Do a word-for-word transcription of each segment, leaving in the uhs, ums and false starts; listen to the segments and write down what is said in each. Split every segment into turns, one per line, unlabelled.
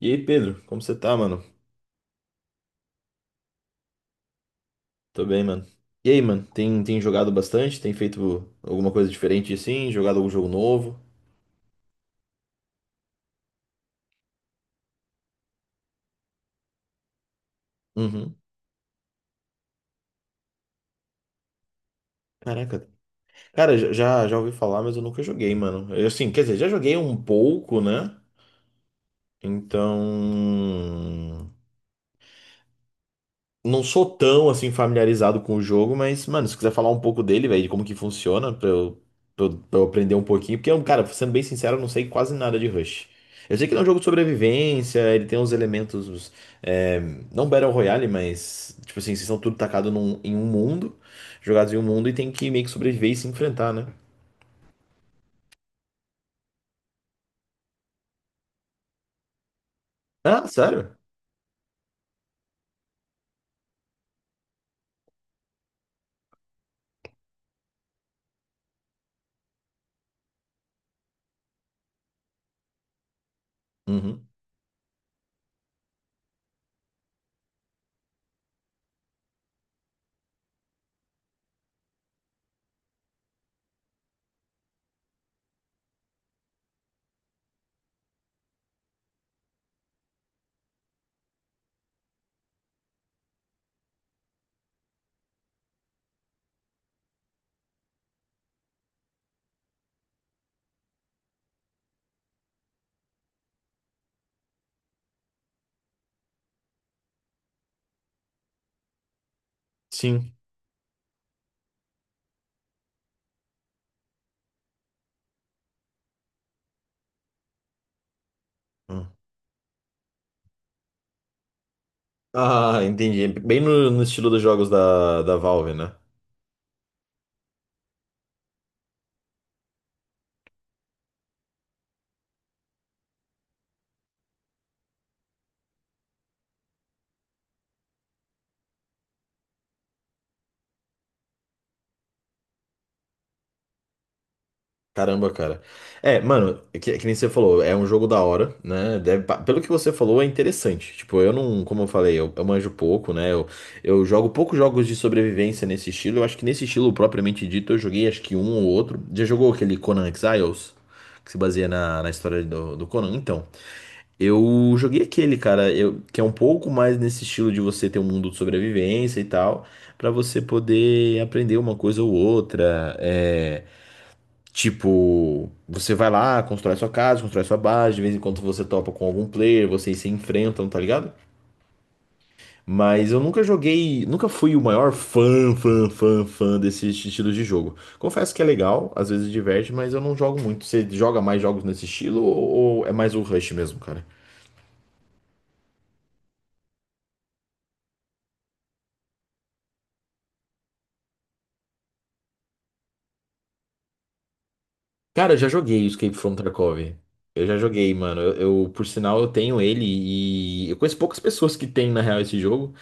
E aí, Pedro, como você tá, mano? Tô bem, mano. E aí, mano, tem, tem jogado bastante? Tem feito alguma coisa diferente assim? Jogado algum jogo novo? Uhum. Caraca. Cara, já, já já ouvi falar, mas eu nunca joguei, mano. Eu, assim, quer dizer, já joguei um pouco, né? Então. Não sou tão assim familiarizado com o jogo, mas, mano, se quiser falar um pouco dele, velho, de como que funciona, pra eu, pra eu, pra eu aprender um pouquinho, porque eu, cara, sendo bem sincero, eu não sei quase nada de Rush. Eu sei que ele é um jogo de sobrevivência, ele tem uns elementos, é, não Battle Royale, mas, tipo assim, vocês são tudo tacados num- em um mundo, jogados em um mundo e tem que meio que sobreviver e se enfrentar, né? Ah, sério? Uhum. Sim. Hum. Ah, entendi. Bem no, no estilo dos jogos da, da Valve, né? Caramba, cara. É, mano, que, que nem você falou, é um jogo da hora, né? Deve pa- pelo que você falou, é interessante. Tipo, eu não, como eu falei, eu, eu manjo pouco, né? Eu, eu jogo poucos jogos de sobrevivência nesse estilo. Eu acho que nesse estilo propriamente dito, eu joguei acho que um ou outro. Já jogou aquele Conan Exiles? Que se baseia na, na história do, do Conan? Então, eu joguei aquele, cara, eu, que é um pouco mais nesse estilo de você ter um mundo de sobrevivência e tal, pra você poder aprender uma coisa ou outra. É. Tipo, você vai lá, constrói sua casa, constrói sua base, de vez em quando você topa com algum player, vocês se enfrentam, tá ligado? Mas eu nunca joguei, nunca fui o maior fã, fã, fã, fã desse estilo de jogo. Confesso que é legal, às vezes diverte, mas eu não jogo muito. Você joga mais jogos nesse estilo ou ou é mais o Rush mesmo, cara? Cara, eu já joguei o Escape from Tarkov. Eu já joguei, mano. Eu, eu, por sinal, eu tenho ele e eu conheço poucas pessoas que têm, na real, esse jogo.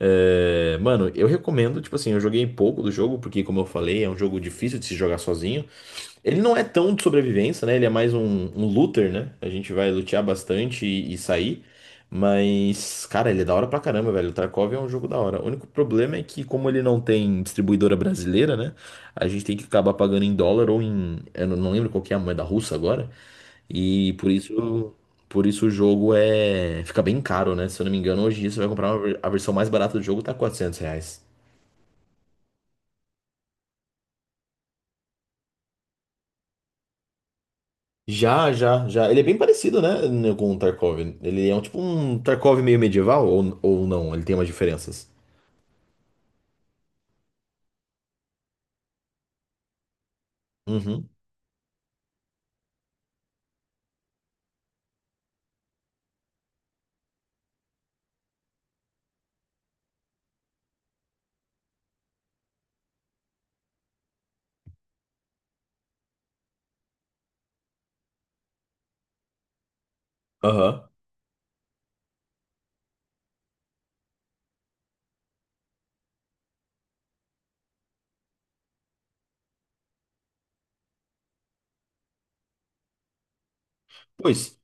É, mano, eu recomendo, tipo assim, eu joguei pouco do jogo, porque, como eu falei, é um jogo difícil de se jogar sozinho. Ele não é tão de sobrevivência, né? Ele é mais um, um looter, né? A gente vai lutear bastante e, e sair. Mas, cara, ele é da hora pra caramba, velho. O Tarkov é um jogo da hora. O único problema é que, como ele não tem distribuidora brasileira, né? A gente tem que acabar pagando em dólar ou em. Eu não não lembro qual que é a moeda russa agora. E por isso. Por isso o jogo é. Fica bem caro, né? Se eu não me engano, hoje em dia você vai comprar uma ver- a versão mais barata do jogo, tá quatrocentos reais. Já, já, já. Ele é bem parecido, né, né, com o Tarkov. Ele é um tipo um Tarkov meio medieval ou, ou não? Ele tem umas diferenças. Uhum. Aham. Pois,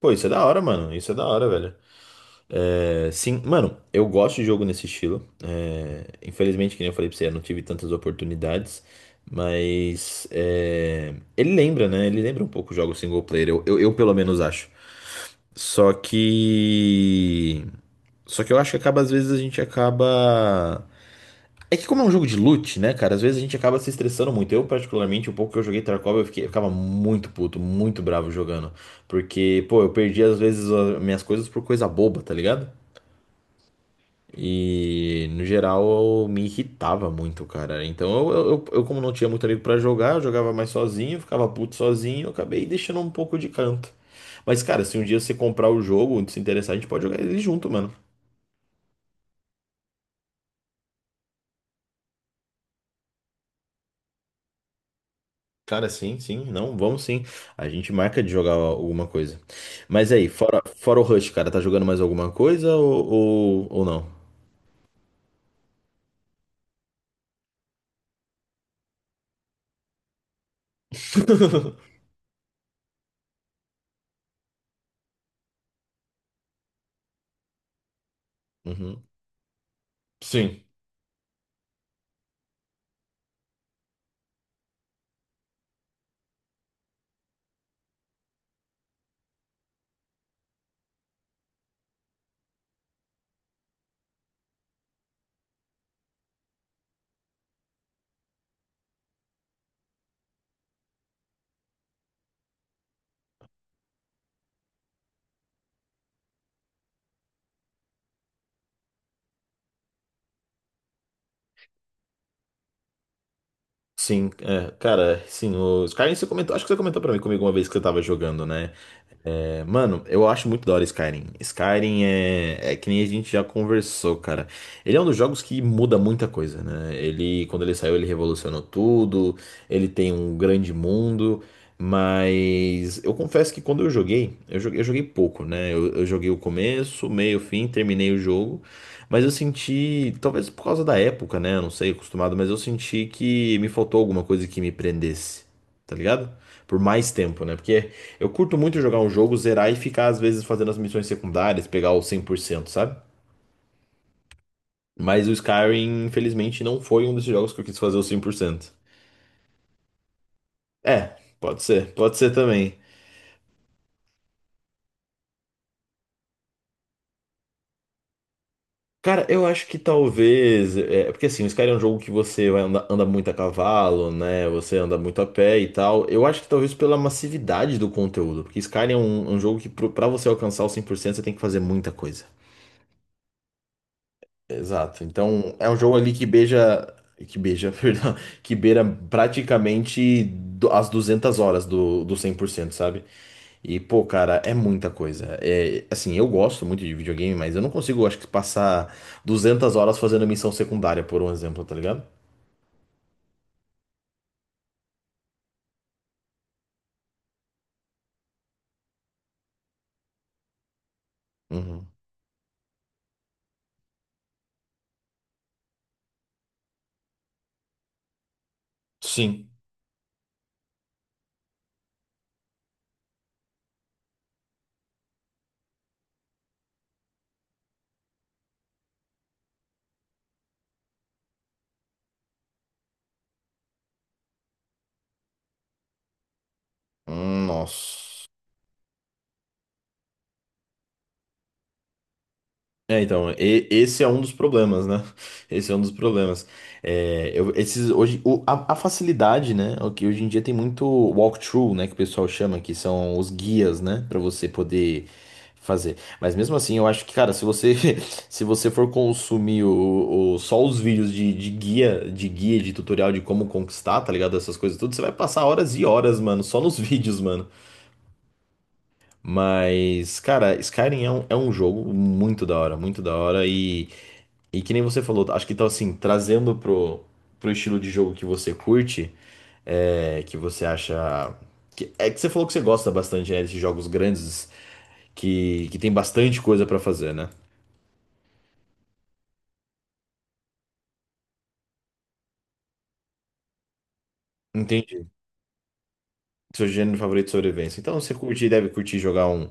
pô, isso é da hora, mano. Isso é da hora, velho. É, sim, mano, eu gosto de jogo nesse estilo. É, infelizmente, que nem eu falei pra você, eu não tive tantas oportunidades. Mas é, ele lembra, né? Ele lembra um pouco o jogo single player. Eu, eu, eu pelo menos acho. Só que. Só que eu acho que acaba, às vezes, a gente acaba. É que como é um jogo de loot, né, cara, às vezes a gente acaba se estressando muito. Eu, particularmente, o pouco que eu joguei Tarkov, eu, fiquei- eu ficava muito puto, muito bravo jogando. Porque, pô, eu perdi às vezes as minhas coisas por coisa boba, tá ligado? E, no geral, eu, me irritava muito, cara. Então, eu, eu, eu, como não tinha muito amigo pra jogar, eu jogava mais sozinho, ficava puto sozinho, eu acabei deixando um pouco de canto. Mas, cara, se um dia você comprar o jogo, se interessar, a gente pode jogar ele junto, mano. Cara, sim, sim, não, vamos sim. A gente marca de jogar alguma coisa. Mas aí, fora, fora o Rush, cara, tá jogando mais alguma coisa ou, ou, ou não? Uhum. Sim. Sim, é, cara, sim, os Skyrim você comentou, acho que você comentou pra mim comigo uma vez que você tava jogando, né? É, mano, eu acho muito da hora Skyrim. Skyrim é, é que nem a gente já conversou, cara. Ele é um dos jogos que muda muita coisa, né? Ele, quando ele saiu, ele revolucionou tudo, ele tem um grande mundo, mas eu confesso que quando eu joguei, eu joguei, eu joguei pouco, né? Eu, eu joguei o começo, meio, fim, terminei o jogo. Mas eu senti, talvez por causa da época, né? Eu não sei, acostumado, mas eu senti que me faltou alguma coisa que me prendesse, tá ligado? Por mais tempo, né? Porque eu curto muito jogar um jogo, zerar e ficar, às vezes, fazendo as missões secundárias, pegar o cem por cento, sabe? Mas o Skyrim, infelizmente, não foi um desses jogos que eu quis fazer o cem por cento. É, pode ser, pode ser também. Cara, eu acho que talvez. É, porque assim, o Skyrim é um jogo que você vai anda, anda muito a cavalo, né? Você anda muito a pé e tal. Eu acho que talvez pela massividade do conteúdo. Porque Skyrim é um, um jogo que pro- pra você alcançar o cem por cento você tem que fazer muita coisa. Exato. Então, é um jogo ali que beija, que beija, perdão, que beira praticamente do- as duzentas horas do, do cem por cento, sabe? E, pô, cara, é muita coisa. É, assim, eu gosto muito de videogame, mas eu não consigo, acho que, passar duzentas horas fazendo missão secundária, por um exemplo, tá ligado? Uhum. Sim. Hum, nossa. É, então, e- esse é um dos problemas, né? Esse é um dos problemas. É, eu- esses, hoje, o- a, a, facilidade, né? O que hoje em dia tem muito walkthrough, né? Que o pessoal chama, que são os guias, né? Pra você poder fazer. Mas mesmo assim, eu acho que, cara, se você, se você for consumir o, o- só os vídeos de, de guia, de guia, de tutorial de como conquistar, tá ligado? Essas coisas tudo, você vai passar horas e horas, mano, só nos vídeos, mano. Mas, cara, Skyrim é um, é um, jogo muito da hora, muito da hora, e que nem você falou, acho que então assim, trazendo pro, pro estilo de jogo que você curte, é, que você acha. Que- é que você falou que você gosta bastante, né, desses jogos grandes que, que tem bastante coisa pra fazer, né? Entendi. Seu gênero favorito de sobrevivência. Então você curte, deve curtir jogar um.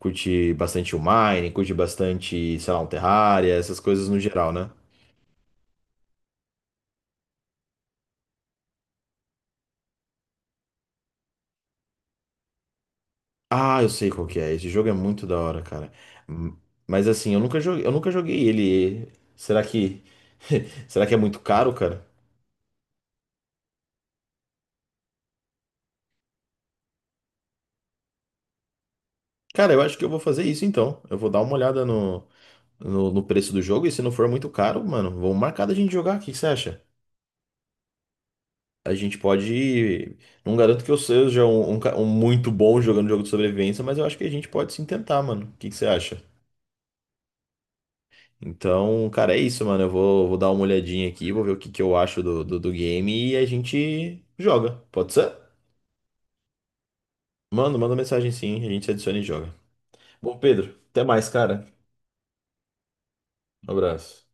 Curte bastante o Mine, curte bastante, sei lá, um Terraria, essas coisas no geral, né? Ah, eu sei qual que é. Esse jogo é muito da hora, cara. Hum, Mas assim, eu nunca joguei, eu nunca joguei ele. Será que será que é muito caro, cara? Cara, eu acho que eu vou fazer isso então. Eu vou dar uma olhada no, no, no preço do jogo e se não for muito caro, mano, vamos marcar da gente jogar. O que que você acha? A gente pode. Não garanto que eu seja um, um ca- um muito bom jogando jogo de sobrevivência, mas eu acho que a gente pode sim tentar, mano. O que que você acha? Então, cara, é isso, mano. Eu vou, vou dar uma olhadinha aqui, vou ver o que, que eu acho do, do, do game e a gente joga. Pode ser? Manda, manda mensagem sim, a gente se adiciona e joga. Bom, Pedro, até mais, cara. Um abraço.